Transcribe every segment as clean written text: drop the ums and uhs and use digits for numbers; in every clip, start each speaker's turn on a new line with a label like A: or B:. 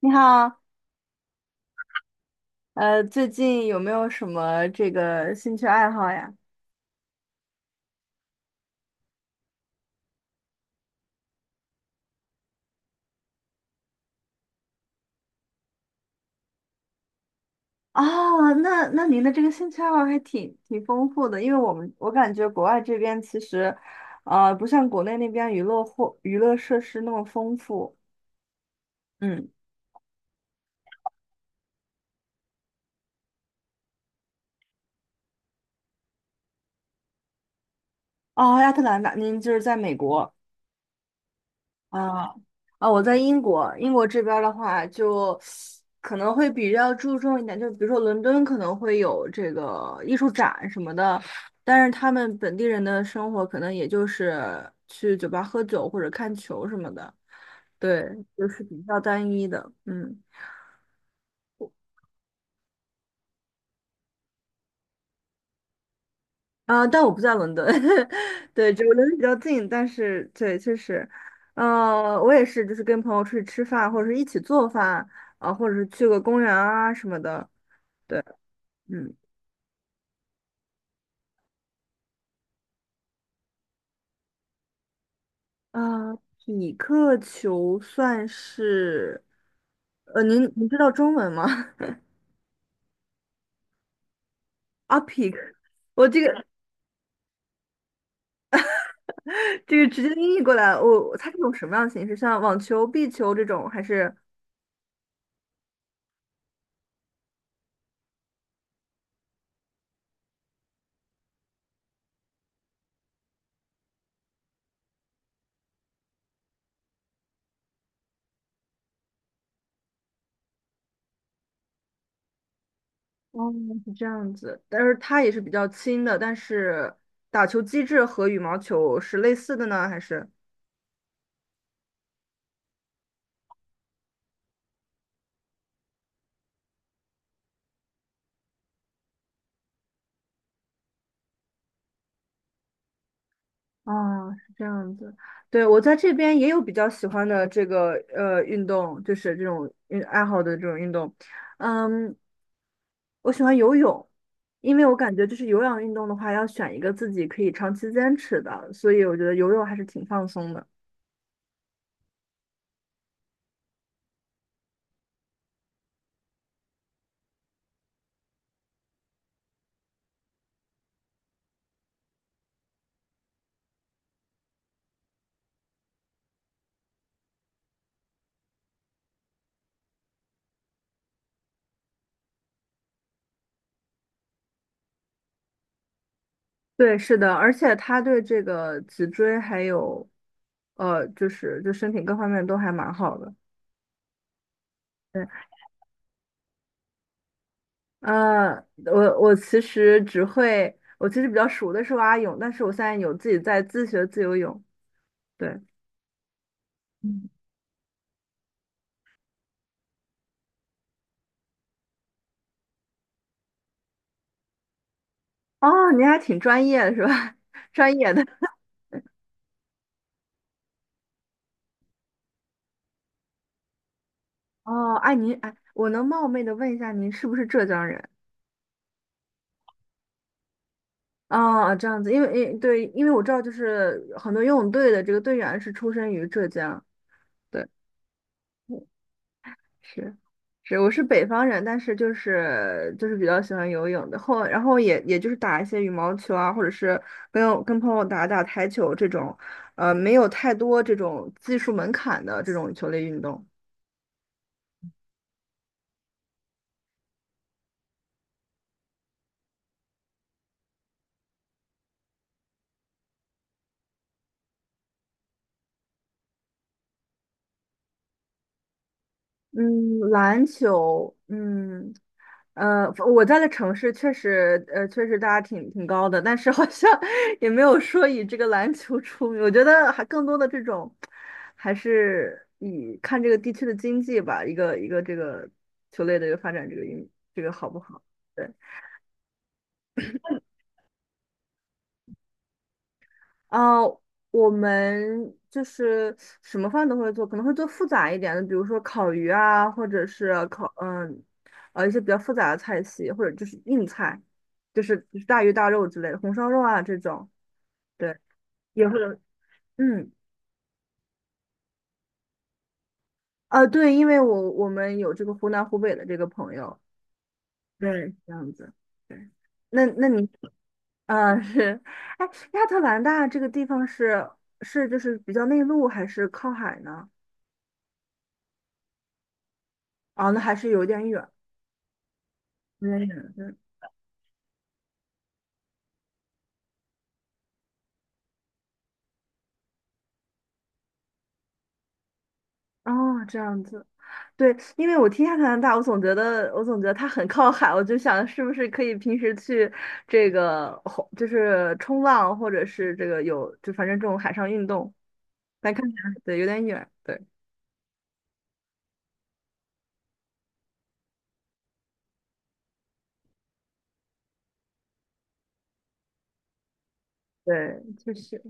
A: 你好，最近有没有什么这个兴趣爱好呀？啊，那您的这个兴趣爱好还挺丰富的，因为我感觉国外这边其实，不像国内那边娱乐或娱乐设施那么丰富。嗯。哦，亚特兰大，您就是在美国。啊啊！我在英国，英国这边儿的话，就可能会比较注重一点，就比如说伦敦可能会有这个艺术展什么的，但是他们本地人的生活可能也就是去酒吧喝酒或者看球什么的，对，就是比较单一的，嗯。啊，但我不在伦敦，对，这个伦敦比较近，但是对，确实，我也是，就是跟朋友出去吃饭，或者是一起做饭啊，或者是去个公园啊什么的。对。嗯。啊、匹克球算是，您知道中文吗？啊，匹克，我这个 这个直接音译过来，我它是种什么样的形式？像网球、壁球这种，还是。哦，是这样子。但是它也是比较轻的，但是打球机制和羽毛球是类似的呢，还是？哦，是这样子。对，我在这边也有比较喜欢的这个运动，就是这种运爱好的这种运动。嗯，我喜欢游泳，因为我感觉就是有氧运动的话，要选一个自己可以长期坚持的，所以我觉得游泳还是挺放松的。对，是的，而且它对这个脊椎还有就是就身体各方面都还蛮好的。对。呃，我其实只会，我其实比较熟的是蛙泳，但是我现在有自己在自学自由泳。对，嗯。哦，您还挺专业的是吧？专业的。哦，哎，您哎，我能冒昧的问一下，您是不是浙江人？哦，这样子，因为对，因为我知道，就是很多游泳队的这个队员是出生于浙江。对，是，是，我是北方人，但是就是比较喜欢游泳的，后然后也就是打一些羽毛球啊，或者是跟友跟朋友打打台球这种，没有太多这种技术门槛的这种球类运动。嗯，篮球，嗯，呃，我在的城市确实，确实大家挺高的，但是好像 也没有说以这个篮球出名。我觉得还更多的这种，还是以看这个地区的经济吧，一个这个球类的一个发展，这个运这个好不好？对。啊，我们就是什么饭都会做，可能会做复杂一点的，比如说烤鱼啊，或者是烤嗯，一些比较复杂的菜系，或者就是硬菜，就是大鱼大肉之类的，红烧肉啊这种，对，也会有，嗯。啊对，因为我们有这个湖南湖北的这个朋友，对，这样子，对，那那你啊、是，哎，亚特兰大这个地方是就是比较内陆还是靠海呢？啊，那还是有点远。没有，对，哦，这样子，对，因为我听下加拿大，我总觉得，我总觉得它很靠海，我就想是不是可以平时去这个，吼就是冲浪，或者是这个有，就反正这种海上运动，来看起来对有点远，对对，确实，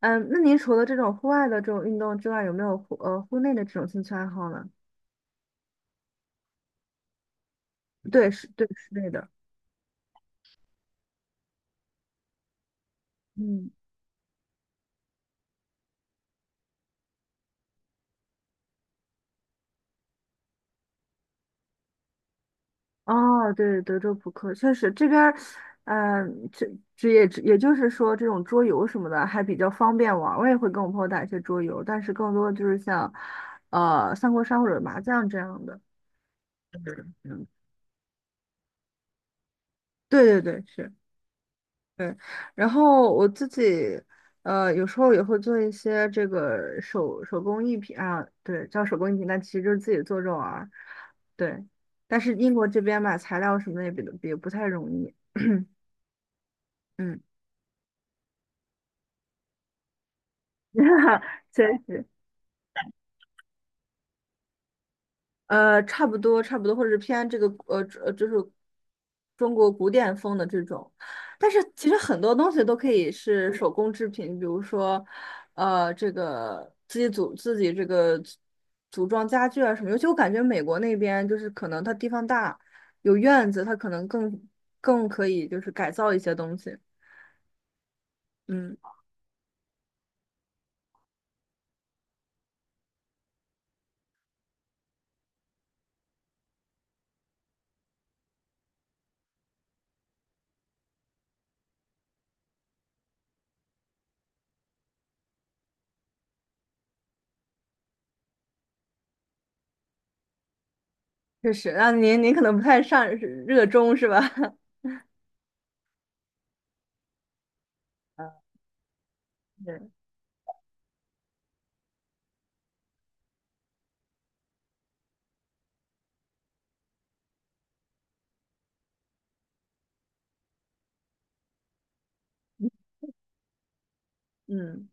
A: 嗯，那您除了这种户外的这种运动之外，有没有户内的这种兴趣爱好呢？对，是，对，室内的，哦，对，德州扑克确实这边儿，嗯、这也就是说，这种桌游什么的还比较方便玩儿。我也会跟我朋友打一些桌游，但是更多的就是像，三国杀或者麻将这样的。嗯，嗯。对，是，对。然后我自己，有时候也会做一些这个手工艺品啊，对，叫手工艺品，但其实就是自己做着玩儿。对，但是英国这边买材料什么的也比也不太容易。嗯。确实，差不多，差不多，或者是偏这个就是中国古典风的这种。但是其实很多东西都可以是手工制品，比如说，这个自己这个组装家具啊什么。尤其我感觉美国那边就是可能它地方大，有院子，它可能更可以就是改造一些东西。嗯，确实，那您可能不太上热衷是吧？啊，对，嗯。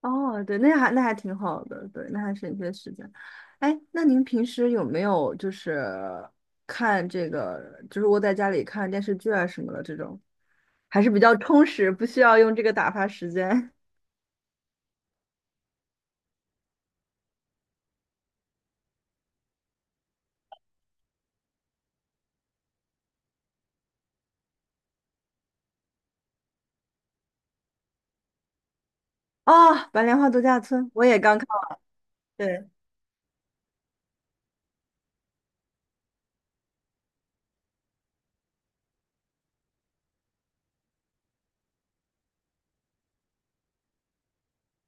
A: 哦，对，那还那还挺好的，对，那还省一些时间。哎，那您平时有没有就是看这个，就是窝在家里看电视剧啊什么的这种，还是比较充实，不需要用这个打发时间。哦，《白莲花度假村》我也刚看，对，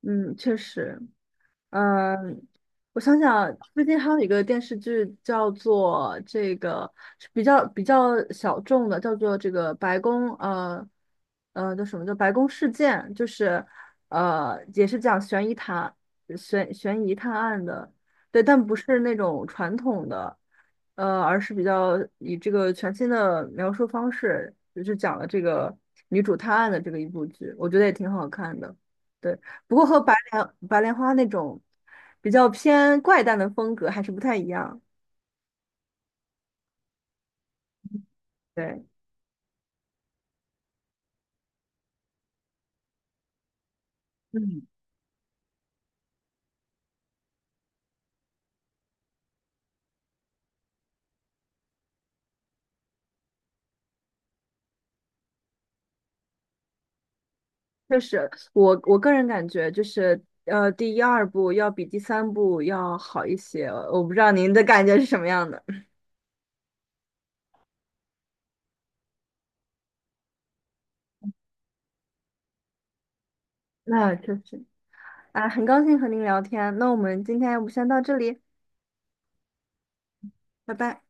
A: 嗯，确实。嗯，我想想，最近还有一个电视剧叫做这个是比较小众的，叫做这个呃叫什么叫白宫事件，就是也是讲悬疑探案的，对，但不是那种传统的，而是比较以这个全新的描述方式，就是讲了这个女主探案的这个一部剧，我觉得也挺好看的。对。不过和白莲花那种比较偏怪诞的风格还是不太一样。对，嗯，确实，我我个人感觉就是第一二部要比第三部要好一些。我不知道您的感觉是什么样的。那确实。啊，很高兴和您聊天，那我们今天要不先到这里，拜拜。